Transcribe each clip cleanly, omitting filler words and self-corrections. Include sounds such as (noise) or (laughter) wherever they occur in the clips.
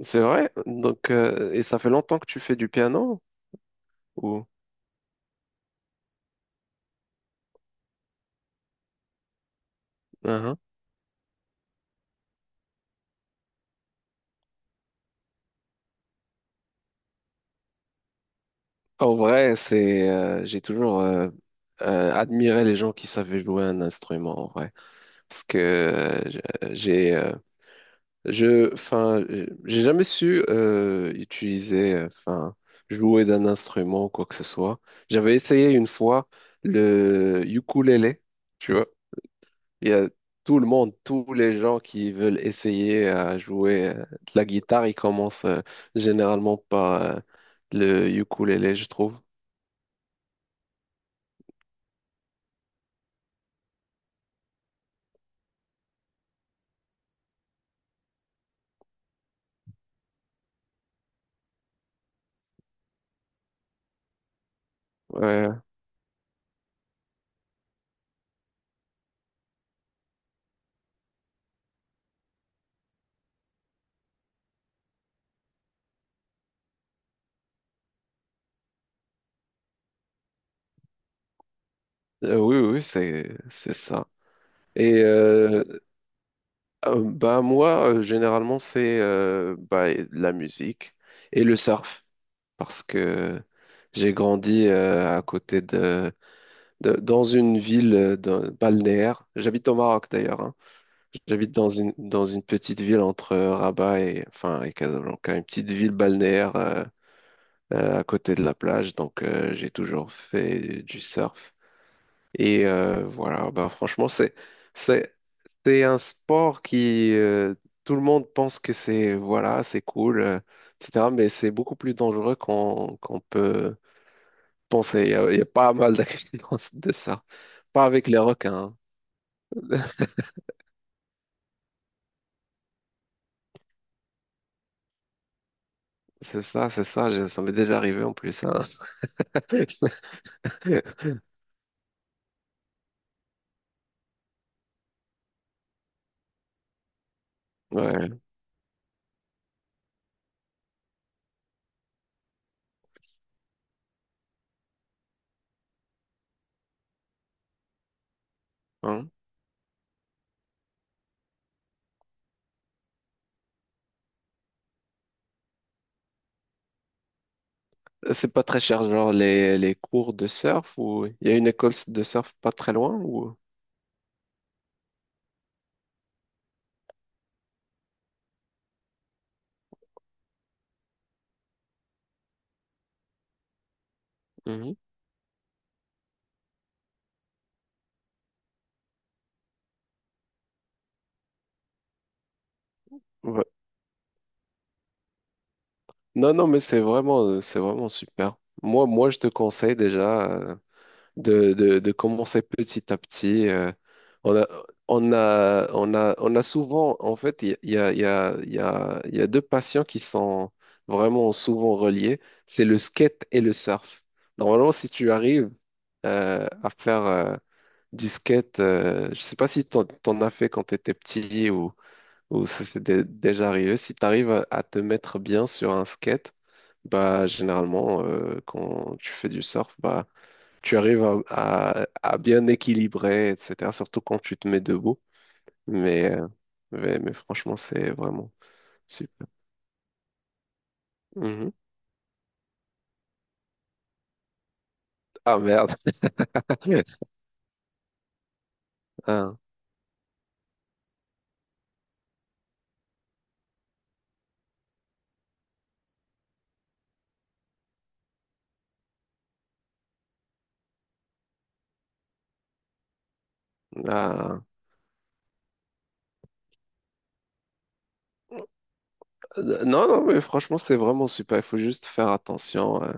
C'est vrai? Donc, et ça fait longtemps que tu fais du piano? Ou... Uhum. En vrai, c'est, j'ai toujours admiré les gens qui savaient jouer un instrument, en vrai. Parce que j'ai, euh, je, j'ai jamais su utiliser, jouer d'un instrument ou quoi que ce soit. J'avais essayé une fois le ukulélé, tu vois. Il y a tout le monde, tous les gens qui veulent essayer à jouer de la guitare, ils commencent généralement par le ukulélé, je trouve. Ouais. Oui, oui, c'est ça. Et bah moi, généralement, c'est bah, la musique et le surf, parce que j'ai grandi à côté dans une ville balnéaire. J'habite au Maroc d'ailleurs, hein. J'habite dans une petite ville entre Rabat et Casablanca, une petite ville balnéaire à côté de la plage, donc j'ai toujours fait du surf. Et voilà, bah, franchement, c'est, c'est un sport qui, tout le monde pense que c'est, voilà, c'est cool, etc., mais c'est beaucoup plus dangereux qu'on peut penser. Il y a pas mal d'accidents (laughs) de ça. Pas avec les requins, hein. (laughs) C'est ça, ça m'est déjà arrivé en plus, hein. (laughs) Ouais, hein. C'est pas très cher, genre les cours de surf ou il y a une école de surf pas très loin ou? Mhm. Ouais. Non, non, mais c'est vraiment super. Moi, moi, je te conseille déjà. De commencer petit à petit. On a, on a souvent, en fait, il y a, il y a, il y a, il y a deux passions qui sont vraiment souvent reliées, c'est le skate et le surf. Normalement, si tu arrives à faire du skate, je sais pas si t'en as fait quand tu étais petit ou ça s'est déjà arrivé, si tu arrives à te mettre bien sur un skate, bah, généralement, quand tu fais du surf, bah, tu arrives à bien équilibrer, etc. Surtout quand tu te mets debout. Mais, euh, mais franchement, c'est vraiment super. Mhm. Ah merde. (laughs) Ah, ah. Non, non, mais franchement, c'est vraiment super. Il faut juste faire attention. euh,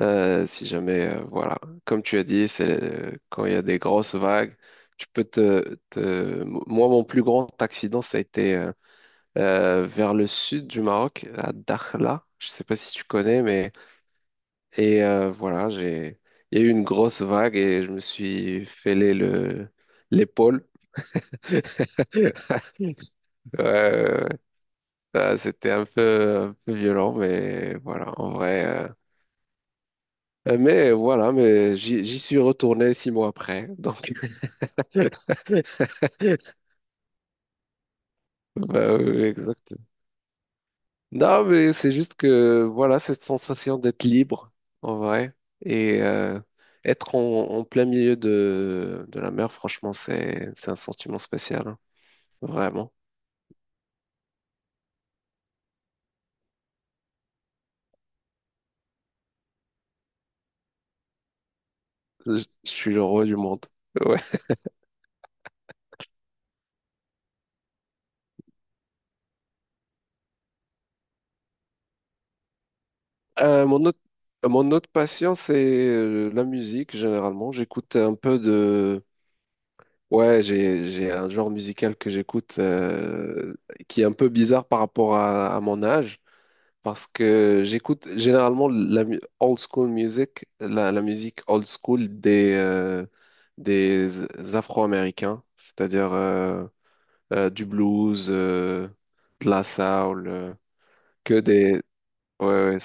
euh, Si jamais, voilà, comme tu as dit, c'est quand il y a des grosses vagues, tu peux moi, mon plus grand accident, ça a été vers le sud du Maroc, à Dakhla. Je sais pas si tu connais, mais. Et voilà, il y a eu une grosse vague et je me suis fêlé l'épaule. (laughs) Ouais, ouais, ouais. C'était un peu violent, mais voilà, en vrai. Mais voilà, mais j'y suis retourné 6 mois après. Donc, (laughs) bah, oui, exactement. Non, mais c'est juste que voilà, cette sensation d'être libre, en vrai, et être en plein milieu de la mer, franchement, c'est un sentiment spécial, hein. Vraiment. Je, je suis le roi du monde. Ouais. Euh, mon autre, Mon autre passion, c'est la musique, généralement. J'écoute un peu de. Ouais, j'ai un genre musical que j'écoute, qui est un peu bizarre par rapport à mon âge. Parce que j'écoute généralement old school music, la musique old school des Afro-Américains, c'est-à-dire du blues, de la soul, que des. Ouais, ouais,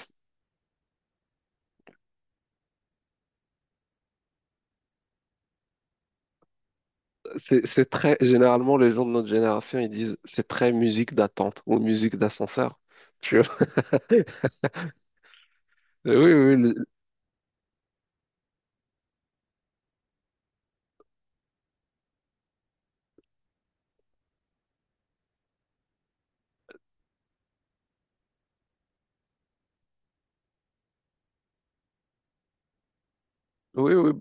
c'est très. Généralement, les gens de notre génération, ils disent c'est très musique d'attente ou musique d'ascenseur. Tu vois? (laughs) Oui, oui, oui, oui.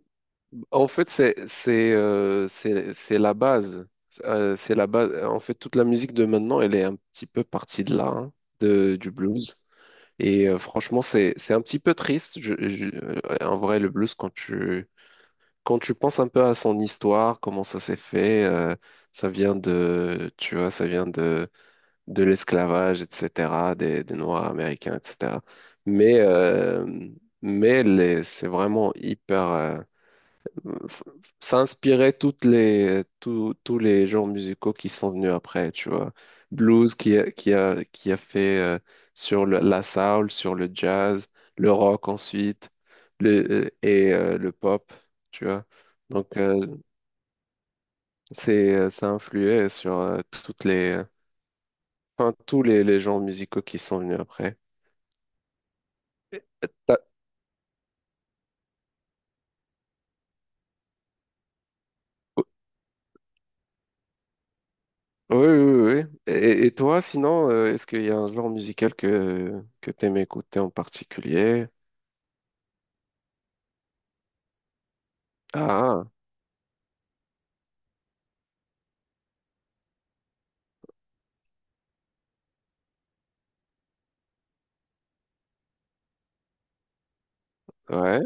En fait, c'est la base. C'est la base. En fait, toute la musique de maintenant, elle est un petit peu partie de là, hein, du blues. Et franchement, c'est un petit peu triste. En vrai, le blues, quand tu penses un peu à son histoire, comment ça s'est fait, ça vient de, tu vois, ça vient de l'esclavage, etc. Des Noirs américains, etc. Mais euh, mais c'est vraiment hyper. S'inspirait, inspirait tous les genres musicaux qui sont venus après, tu vois. Blues qui a fait sur la soul, sur le jazz, le rock ensuite, le, et le pop, tu vois. Donc, ça influait sur tous les genres musicaux qui sont venus après. Et- euh, t'as- Oui, oui, oui, oui. Et toi, sinon, est-ce qu'il y a un genre musical que tu aimes écouter en particulier? Ah, ah, ouais,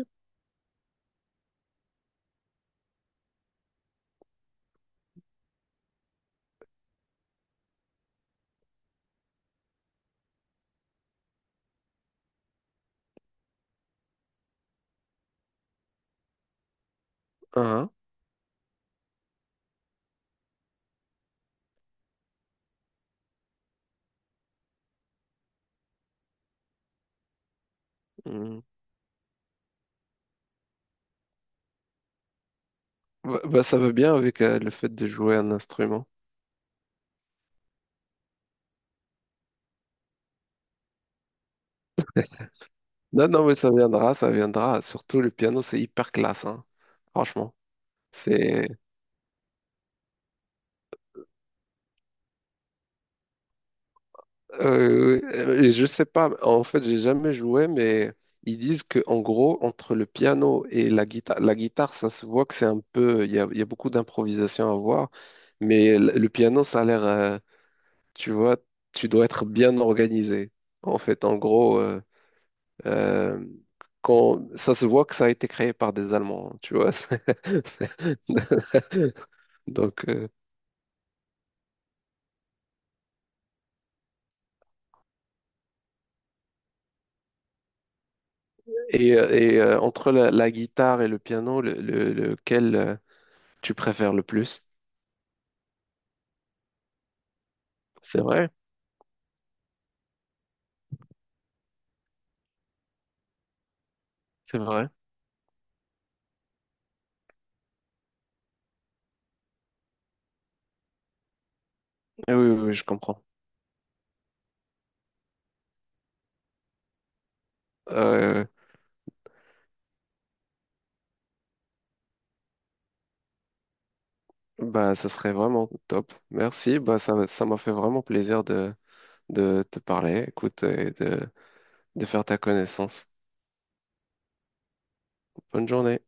hein, hmm. Bah, bah, ça va bien avec le fait de jouer un instrument. Non, non, mais ça viendra, ça viendra. Surtout le piano, c'est hyper classe, hein. Franchement, c'est. Je sais pas. En fait, j'ai jamais joué, mais ils disent que en gros, entre le piano et la guitare, ça se voit que c'est un peu. Il y a beaucoup d'improvisation à voir, mais le piano, ça a l'air. Tu vois, tu dois être bien organisé. En fait, en gros. Euh, Quand, ça se voit que ça a été créé par des Allemands, hein, tu vois. (laughs) C'est- Donc, entre la guitare et le piano, lequel tu préfères le plus? C'est vrai, c'est vrai. Eh, oui, oui, oui, je comprends. Euh, Bah, ça serait vraiment top. Merci. Bah, ça m'a fait vraiment plaisir de te parler, écoute, et de faire ta connaissance. Bonne journée.